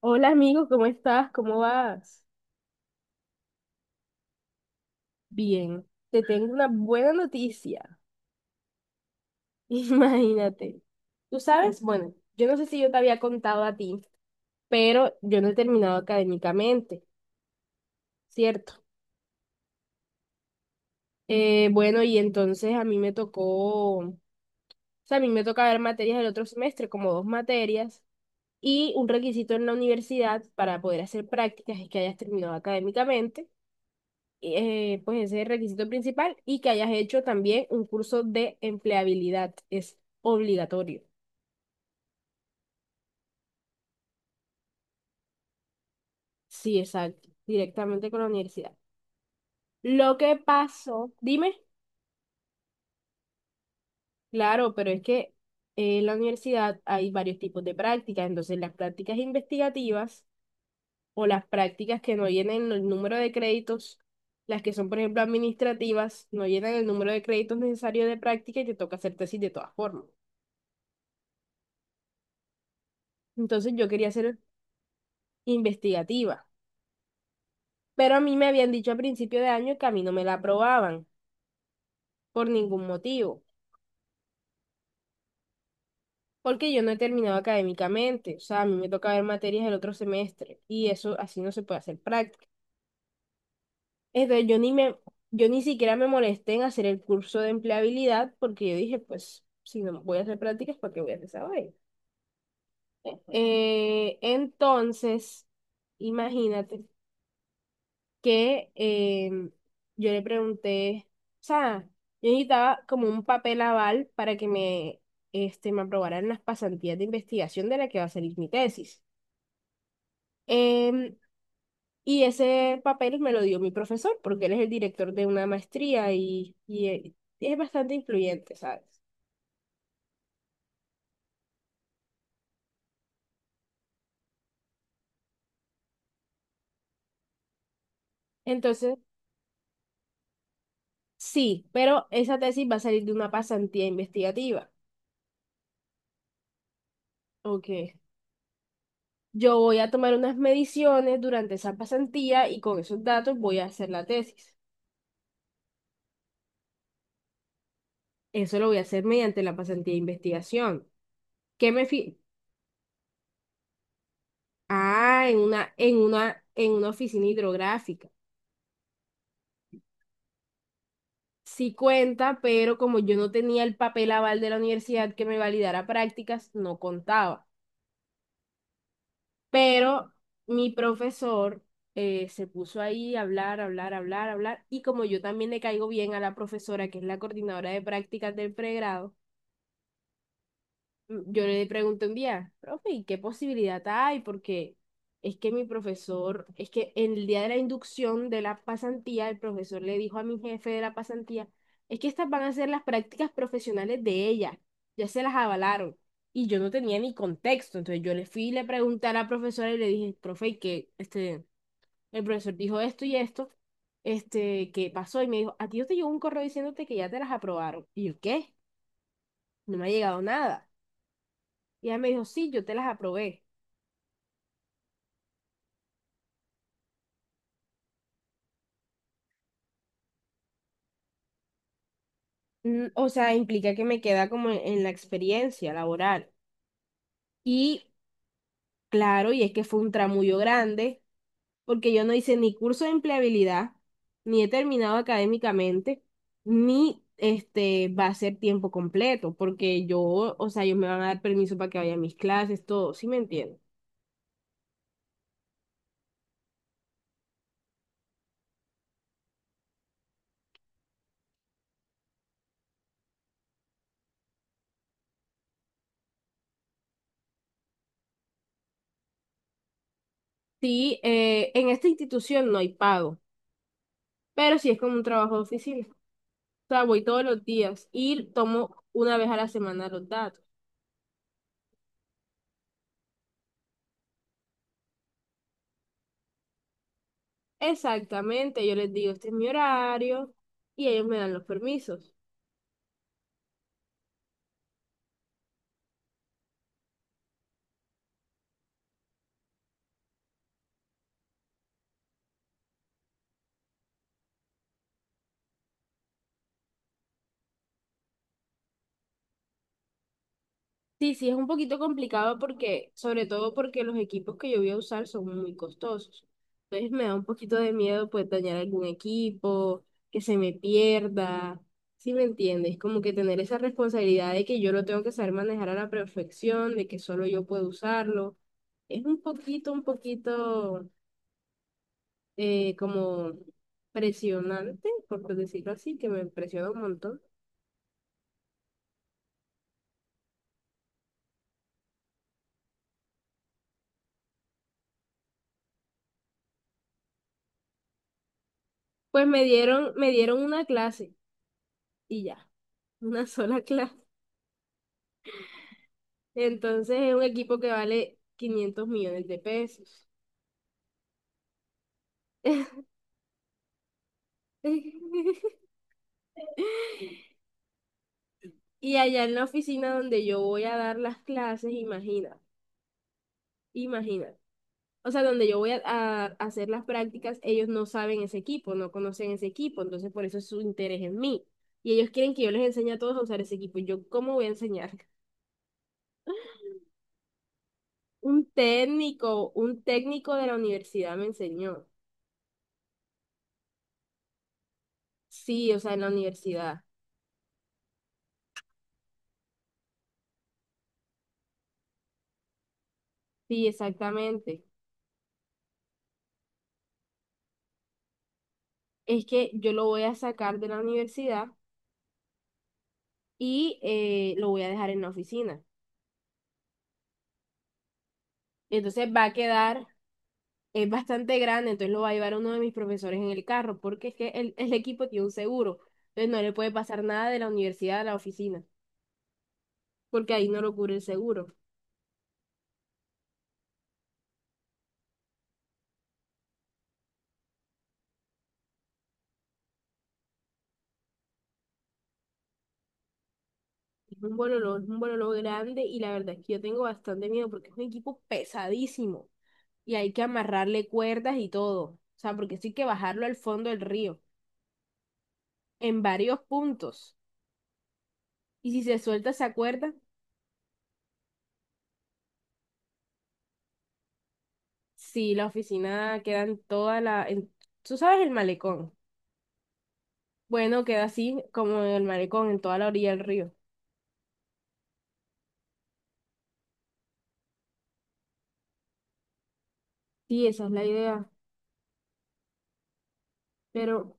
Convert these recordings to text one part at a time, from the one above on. Hola amigo, ¿cómo estás? ¿Cómo vas? Bien, te tengo una buena noticia. Imagínate. Tú sabes, bueno, yo no sé si yo te había contado a ti, pero yo no he terminado académicamente, ¿cierto? Bueno, y entonces a mí me tocó, o sea, a mí me toca ver materias del otro semestre, como dos materias, y un requisito en la universidad para poder hacer prácticas es que hayas terminado académicamente. Pues ese es el requisito principal y que hayas hecho también un curso de empleabilidad. Es obligatorio. Sí, exacto. Directamente con la universidad. Lo que pasó, dime, claro, pero es que en la universidad hay varios tipos de prácticas. Entonces, las prácticas investigativas o las prácticas que no llenen el número de créditos, las que son, por ejemplo, administrativas, no llenan el número de créditos necesarios de práctica y te toca hacer tesis de todas formas. Entonces, yo quería hacer investigativa. Pero a mí me habían dicho a principio de año que a mí no me la aprobaban por ningún motivo, porque yo no he terminado académicamente, o sea, a mí me toca ver materias el otro semestre y eso así no se puede hacer práctica. Entonces yo ni me, yo ni siquiera me molesté en hacer el curso de empleabilidad porque yo dije, pues si no voy a hacer prácticas, ¿para qué voy a hacer esa vaina? Entonces, imagínate. que em, yo le pregunté, o sea, yo necesitaba como un papel aval para que me, este, me aprobaran las pasantías de investigación de la que va a salir mi tesis. Em, y ese papel me lo dio mi profesor, porque él es el director de una maestría y es bastante influyente, ¿sabes? Entonces, sí, pero esa tesis va a salir de una pasantía investigativa. Ok. Yo voy a tomar unas mediciones durante esa pasantía y con esos datos voy a hacer la tesis. Eso lo voy a hacer mediante la pasantía de investigación. ¿Qué me fi- Ah, en una oficina hidrográfica. Sí cuenta, pero como yo no tenía el papel aval de la universidad que me validara prácticas, no contaba. Pero mi profesor se puso ahí a hablar, hablar, hablar, hablar. Y como yo también le caigo bien a la profesora, que es la coordinadora de prácticas del pregrado, yo le pregunté un día, profe, ¿y qué posibilidad hay? Porque es que mi profesor, es que en el día de la inducción de la pasantía, el profesor le dijo a mi jefe de la pasantía, es que estas van a ser las prácticas profesionales de ella, ya se las avalaron. Y yo no tenía ni contexto, entonces yo le fui y le pregunté a la profesora y le dije, profe, ¿y que este, el profesor dijo esto y esto, este, ¿qué pasó? Y me dijo, a ti no te llegó un correo diciéndote que ya te las aprobaron. Y yo, ¿qué? No me ha llegado nada. Y ella me dijo, sí, yo te las aprobé. Mm, o sea, implica que me queda como en la experiencia laboral. Y claro, y es que fue un tramullo grande, porque yo no hice ni curso de empleabilidad, ni he terminado académicamente, ni este va a ser tiempo completo, porque yo, o sea, ellos me van a dar permiso para que vaya a mis clases, todo, ¿sí me entiendes? Sí, en esta institución no hay pago, pero sí es como un trabajo de oficina. O sea, voy todos los días y tomo una vez a la semana los datos. Exactamente, yo les digo, este es mi horario y ellos me dan los permisos. Sí, sí, es un poquito complicado porque, sobre todo porque los equipos que yo voy a usar son muy costosos. Entonces me da un poquito de miedo pues dañar algún equipo, que se me pierda. ¿Sí me entiendes? Como que tener esa responsabilidad de que yo lo tengo que saber manejar a la perfección, de que solo yo puedo usarlo. Es un poquito como presionante, por decirlo así, que me presiona un montón. Me dieron una clase y ya, una sola clase. Entonces es un equipo que vale 500 millones de pesos. Y allá en la oficina donde yo voy a dar las clases, imagina, imagina. O sea, donde yo voy a hacer las prácticas, ellos no saben ese equipo, no conocen ese equipo, entonces por eso es su interés en mí. Y ellos quieren que yo les enseñe a todos a usar ese equipo. ¿Yo cómo voy a enseñar? Un técnico de la universidad me enseñó. Sí, o sea, en la universidad. Sí, exactamente. Es que yo lo voy a sacar de la universidad y lo voy a dejar en la oficina. Entonces va a quedar, es bastante grande, entonces lo va a llevar uno de mis profesores en el carro, porque es que el equipo tiene un seguro. Entonces no le puede pasar nada de la universidad a la oficina, porque ahí no lo cubre el seguro. Es un bololo grande y la verdad es que yo tengo bastante miedo porque es un equipo pesadísimo y hay que amarrarle cuerdas y todo. O sea, porque sí hay que bajarlo al fondo del río en varios puntos. Y si se suelta esa cuerda, si la oficina queda en toda la... tú sabes, el malecón. Bueno, queda así como el malecón en toda la orilla del río. Sí, esa es la idea. Pero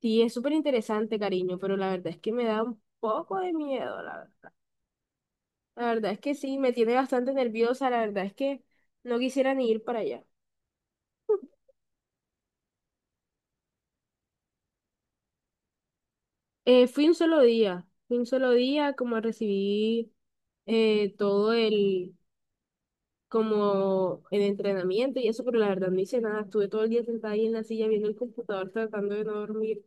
sí, es súper interesante, cariño, pero la verdad es que me da un poco de miedo, la verdad. La verdad es que sí, me tiene bastante nerviosa, la verdad es que no quisiera ni ir para allá. Fui un solo día, fui un solo día, como recibí todo el como en entrenamiento y eso, pero la verdad no hice nada. Estuve todo el día sentada ahí en la silla viendo el computador tratando de no dormir.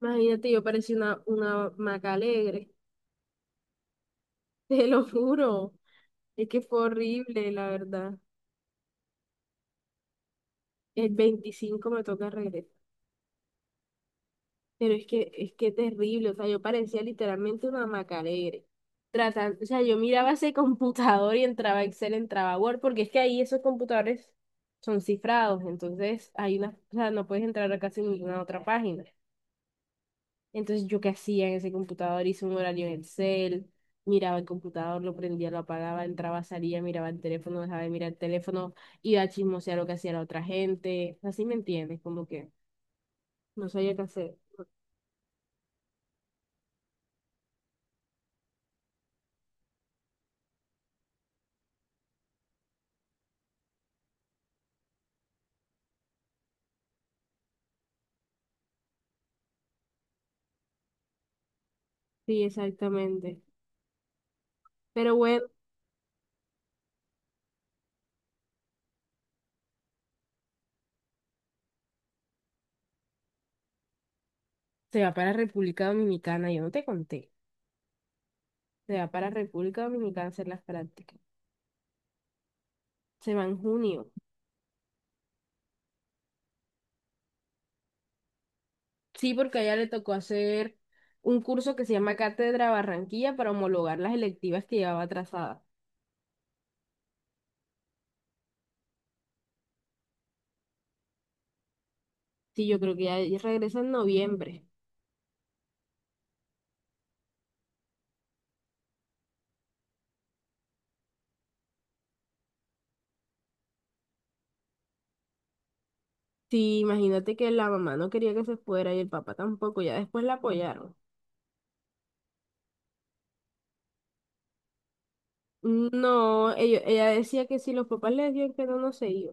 Imagínate, yo parecía una maca alegre, te lo juro. Es que fue horrible, la verdad. El 25 me toca regresar. Pero es que terrible, o sea, yo parecía literalmente una maca alegre. Tratando, o sea, yo miraba ese computador y entraba Excel, entraba Word, porque es que ahí esos computadores son cifrados, entonces hay una, o sea, no puedes entrar a casi ninguna otra página. Entonces, ¿yo qué hacía en ese computador? Hice un horario en Excel, miraba el computador, lo prendía, lo apagaba, entraba, salía, miraba el teléfono, dejaba de mirar el teléfono, iba a chismosear lo que hacía la otra gente. Así me entiendes, como que no sabía qué hacer. Sí, exactamente. Pero bueno, se va para República Dominicana, yo no te conté. Se va para República Dominicana a hacer las prácticas. Se va en junio. Sí, porque a ella le tocó hacer un curso que se llama Cátedra Barranquilla para homologar las electivas que llevaba atrasadas. Sí, yo creo que ya regresa en noviembre. Sí, imagínate que la mamá no quería que se fuera y el papá tampoco, ya después la apoyaron. No, ella decía que si los papás le decían que no, no se iba.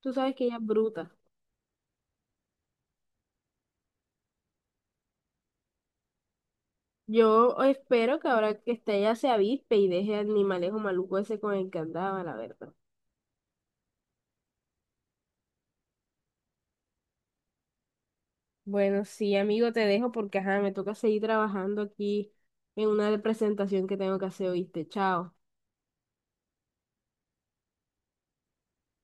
Tú sabes que ella es bruta. Yo espero que ahora que está ella se avispe y deje al animalejo maluco ese con el que andaba, la verdad. Bueno, sí, amigo, te dejo porque ajá, me toca seguir trabajando aquí en una presentación que tengo que hacer, ¿oíste? Chao.